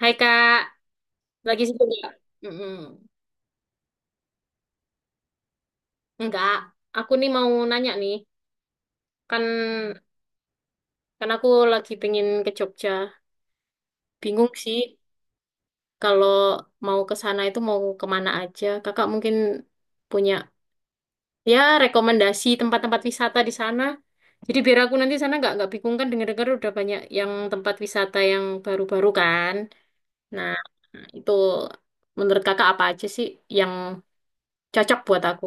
Hai Kak, lagi sibuk nggak? Mm-mm. Nggak, aku nih mau nanya nih, kan kan aku lagi pengen ke Jogja. Bingung sih kalau mau ke sana itu mau kemana aja. Kakak mungkin punya ya rekomendasi tempat-tempat wisata di sana. Jadi biar aku nanti sana nggak bingung kan dengar-dengar udah banyak yang tempat wisata yang baru-baru kan. Nah itu menurut kakak apa aja sih yang cocok buat aku?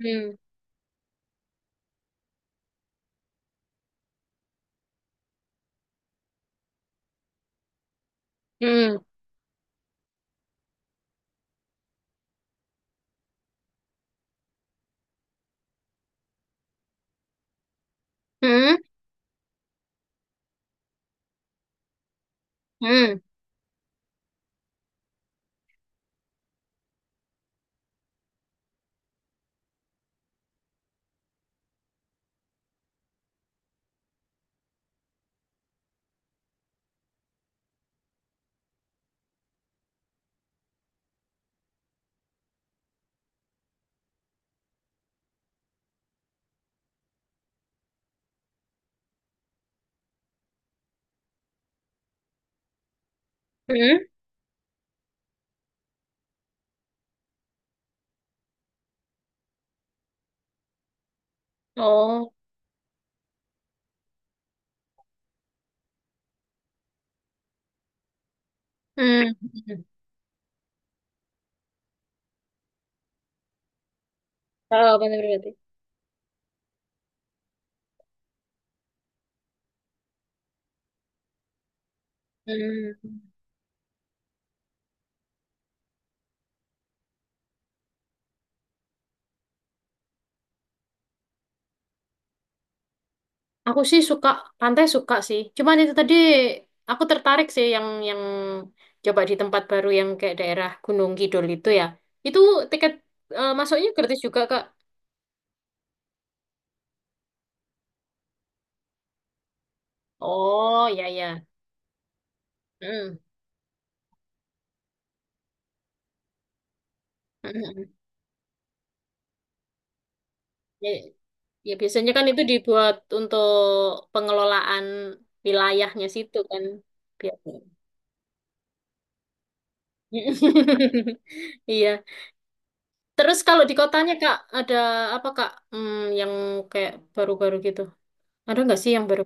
Hmm. Hmm. Hmm. Hmm. Hmm? Oh. Hmm. Tahu pantai berarti. Hmm. Aku sih suka pantai suka sih. Cuman itu tadi aku tertarik sih yang coba di tempat baru yang kayak daerah Gunung Kidul itu ya. Itu tiket masuknya gratis juga, Kak. Oh, ya ya. Hmm. Hmm. Ya, ya biasanya kan itu dibuat untuk pengelolaan wilayahnya situ kan biasanya. Iya, terus kalau di kotanya Kak, ada apa Kak? Hmm, yang kayak baru-baru gitu. Ada nggak sih yang baru?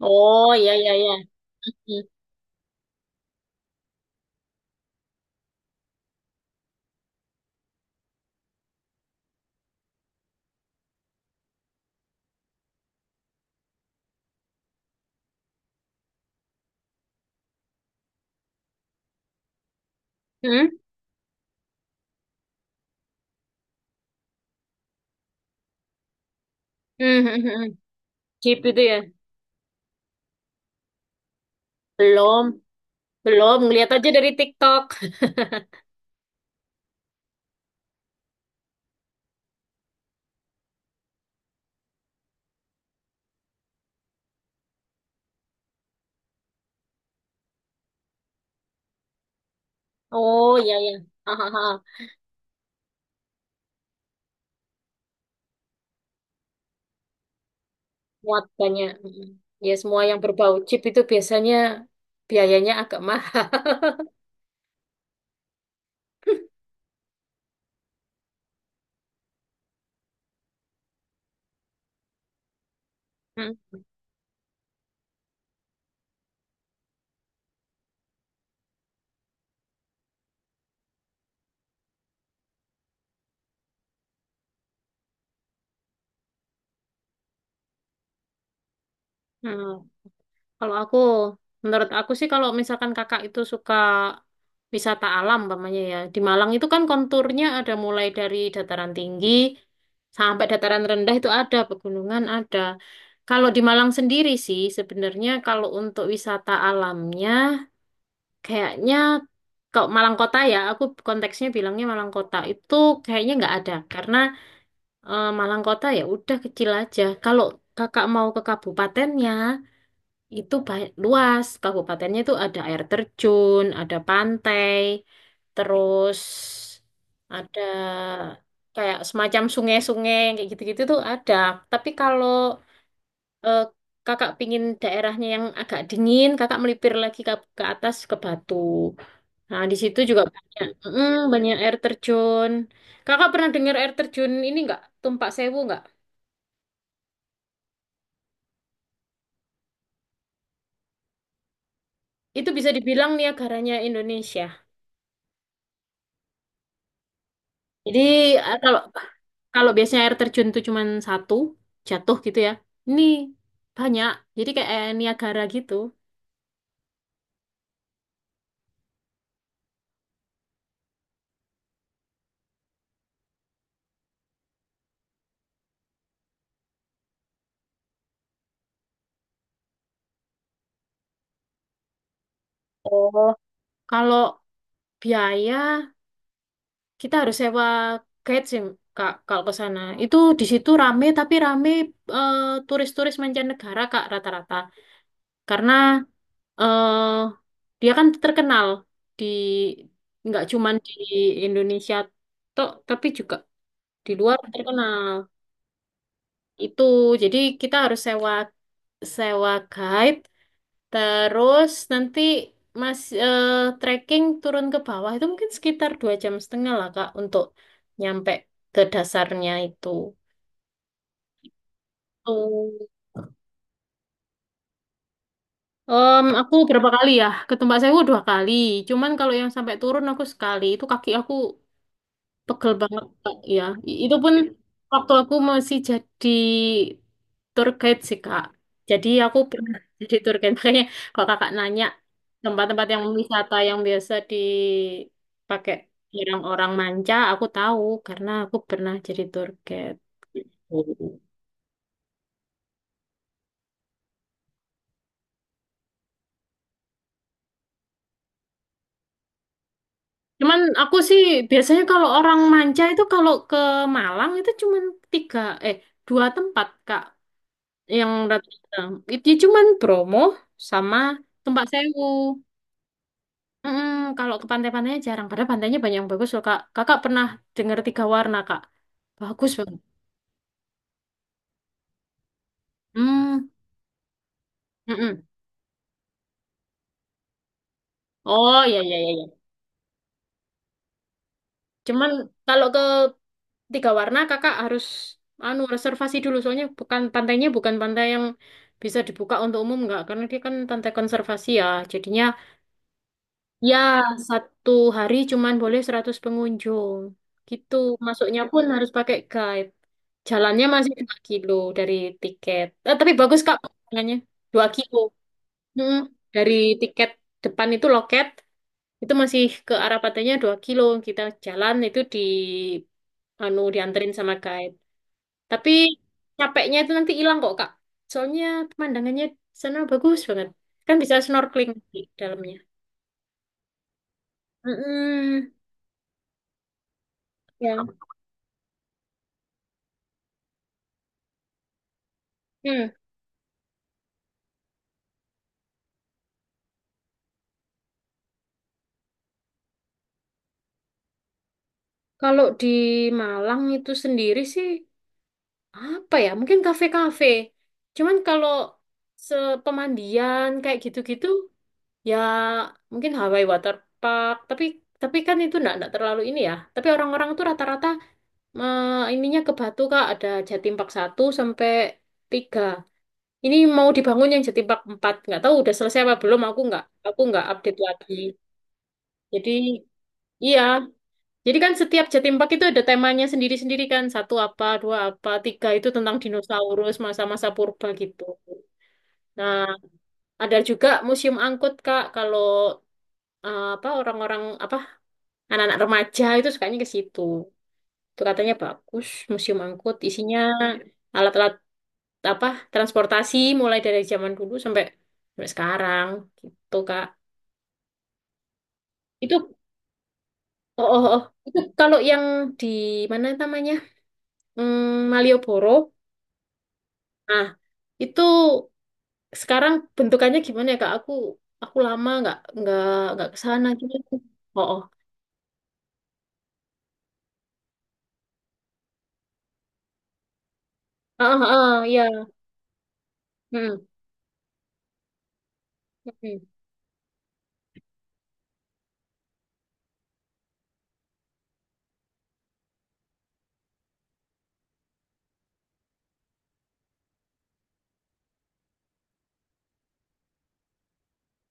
Oh, iya, iya, iya. Hmm. Hmm? Hmm, hmm, hmm, hmm. Jeep itu ya? Belum. Belum, ngeliat aja dari TikTok. Oh, iya, iya. Hahaha. Muat banyak. Hmm. Ya, semua yang berbau Jeep itu biasanya biayanya agak mahal. Hmm. Hmm. Kalau aku, menurut aku sih kalau misalkan kakak itu suka wisata alam, umpamanya ya, di Malang itu kan konturnya ada mulai dari dataran tinggi sampai dataran rendah itu ada, pegunungan ada. Kalau di Malang sendiri sih, sebenarnya kalau untuk wisata alamnya, kayaknya kalau Malang Kota ya, aku konteksnya bilangnya Malang Kota itu kayaknya nggak ada, karena Malang Kota ya udah kecil aja. Kalau kakak mau ke kabupatennya, itu luas, kabupatennya itu ada air terjun, ada pantai, terus ada kayak semacam sungai-sungai kayak gitu-gitu tuh ada. Tapi kalau eh, kakak pingin daerahnya yang agak dingin, kakak melipir lagi ke atas ke Batu. Nah, di situ juga banyak, banyak air terjun. Kakak pernah dengar air terjun ini nggak? Tumpak Sewu nggak? Itu bisa dibilang Niagaranya Indonesia. Jadi kalau Kalau biasanya air terjun tuh cuma satu jatuh gitu ya. Ini banyak. Jadi kayak air Niagara gitu. Oh. Kalau biaya kita harus sewa guide sih Kak kalau ke sana. Itu di situ rame tapi rame eh, turis-turis mancanegara Kak rata-rata. Karena eh dia kan terkenal di nggak cuman di Indonesia tok tapi juga di luar terkenal. Itu jadi kita harus sewa sewa guide terus nanti mas eh, trekking turun ke bawah itu mungkin sekitar 2,5 jam lah Kak untuk nyampe ke dasarnya itu tuh. Aku berapa kali ya ke Mbak Sewu 2 kali cuman kalau yang sampai turun aku sekali itu kaki aku pegel banget, Kak. Ya, itu pun waktu aku masih jadi tour guide sih, Kak. Jadi aku pernah jadi tour guide. Makanya kalau kakak nanya tempat-tempat yang wisata yang biasa dipakai orang-orang manca, aku tahu karena aku pernah jadi tour guide. Oh. Cuman aku sih biasanya kalau orang manca itu kalau ke Malang itu cuman tiga, eh dua tempat, Kak, yang rata-rata. Itu cuman Bromo sama Tempat Sewu. Mm-mm, kalau ke pantai-pantainya jarang. Padahal pantainya banyak yang bagus loh, Kak. Kakak pernah dengar tiga warna, Kak. Bagus banget. Hmm. Mm-mm. Oh, iya, iya, iya. Iya. Cuman kalau ke tiga warna, kakak harus anu reservasi dulu. Soalnya bukan pantainya bukan pantai yang bisa dibuka untuk umum, nggak. Karena dia kan pantai konservasi ya. Jadinya ya satu hari cuman boleh 100 pengunjung. Gitu. Masuknya pun harus pakai guide. Jalannya masih 2 kilo dari tiket. Tapi bagus Kak pemandangannya. 2 kilo. Mm-mm. Dari tiket depan itu loket itu masih ke arah pantainya 2 kilo. Kita jalan itu di anu dianterin sama guide. Tapi capeknya itu nanti hilang kok Kak. Soalnya pemandangannya di sana bagus banget. Kan bisa snorkeling di dalamnya. Mm-mm. Ya. Hmm. Kalau di Malang itu sendiri sih apa ya mungkin kafe-kafe cuman kalau sepemandian kayak gitu-gitu ya mungkin Hawaii Water Park, tapi kan itu enggak terlalu ini ya, tapi orang-orang tuh rata-rata ininya ke Batu Kak, ada Jatim Park 1 sampai 3. Ini mau dibangun yang Jatim Park 4, nggak tahu udah selesai apa belum, aku nggak update lagi. Jadi iya, jadi kan setiap Jatim itu ada temanya sendiri-sendiri kan. Satu apa, dua apa, tiga itu tentang dinosaurus, masa-masa purba gitu. Nah, ada juga museum angkut, Kak. Kalau apa orang-orang apa anak-anak remaja itu sukanya ke situ. Itu katanya bagus, museum angkut isinya alat-alat apa transportasi mulai dari zaman dulu sampai sampai sekarang gitu, Kak. Itu oh, oh, oh. Itu kalau yang di mana namanya? Hmm, Malioboro. Nah, itu sekarang bentukannya gimana ya Kak? Aku lama nggak ke sana gitu. Oh, oh. Ah, ah, ah, iya. Hmm. Hmm.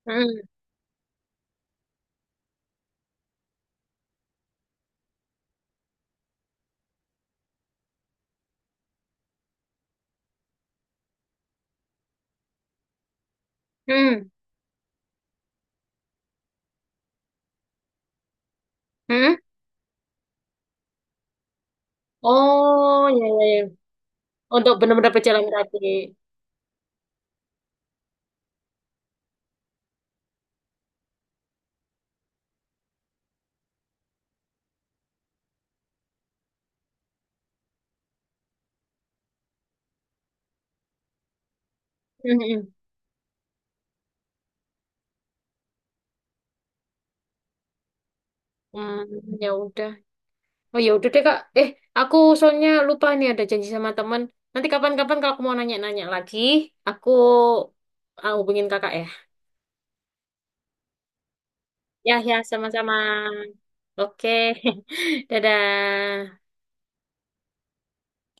Hmm. Hmm. Hmm. Oh, ya ya ya. Untuk benar-benar berjalan kaki. Hmm. Hmm. Hmm, ya udah. Oh, ya udah deh Kak. Aku soalnya lupa nih ada janji sama teman. Nanti kapan-kapan kalau aku mau nanya-nanya lagi, aku hubungin Kakak ya. Ya, ya, sama-sama. Oke, Dadah.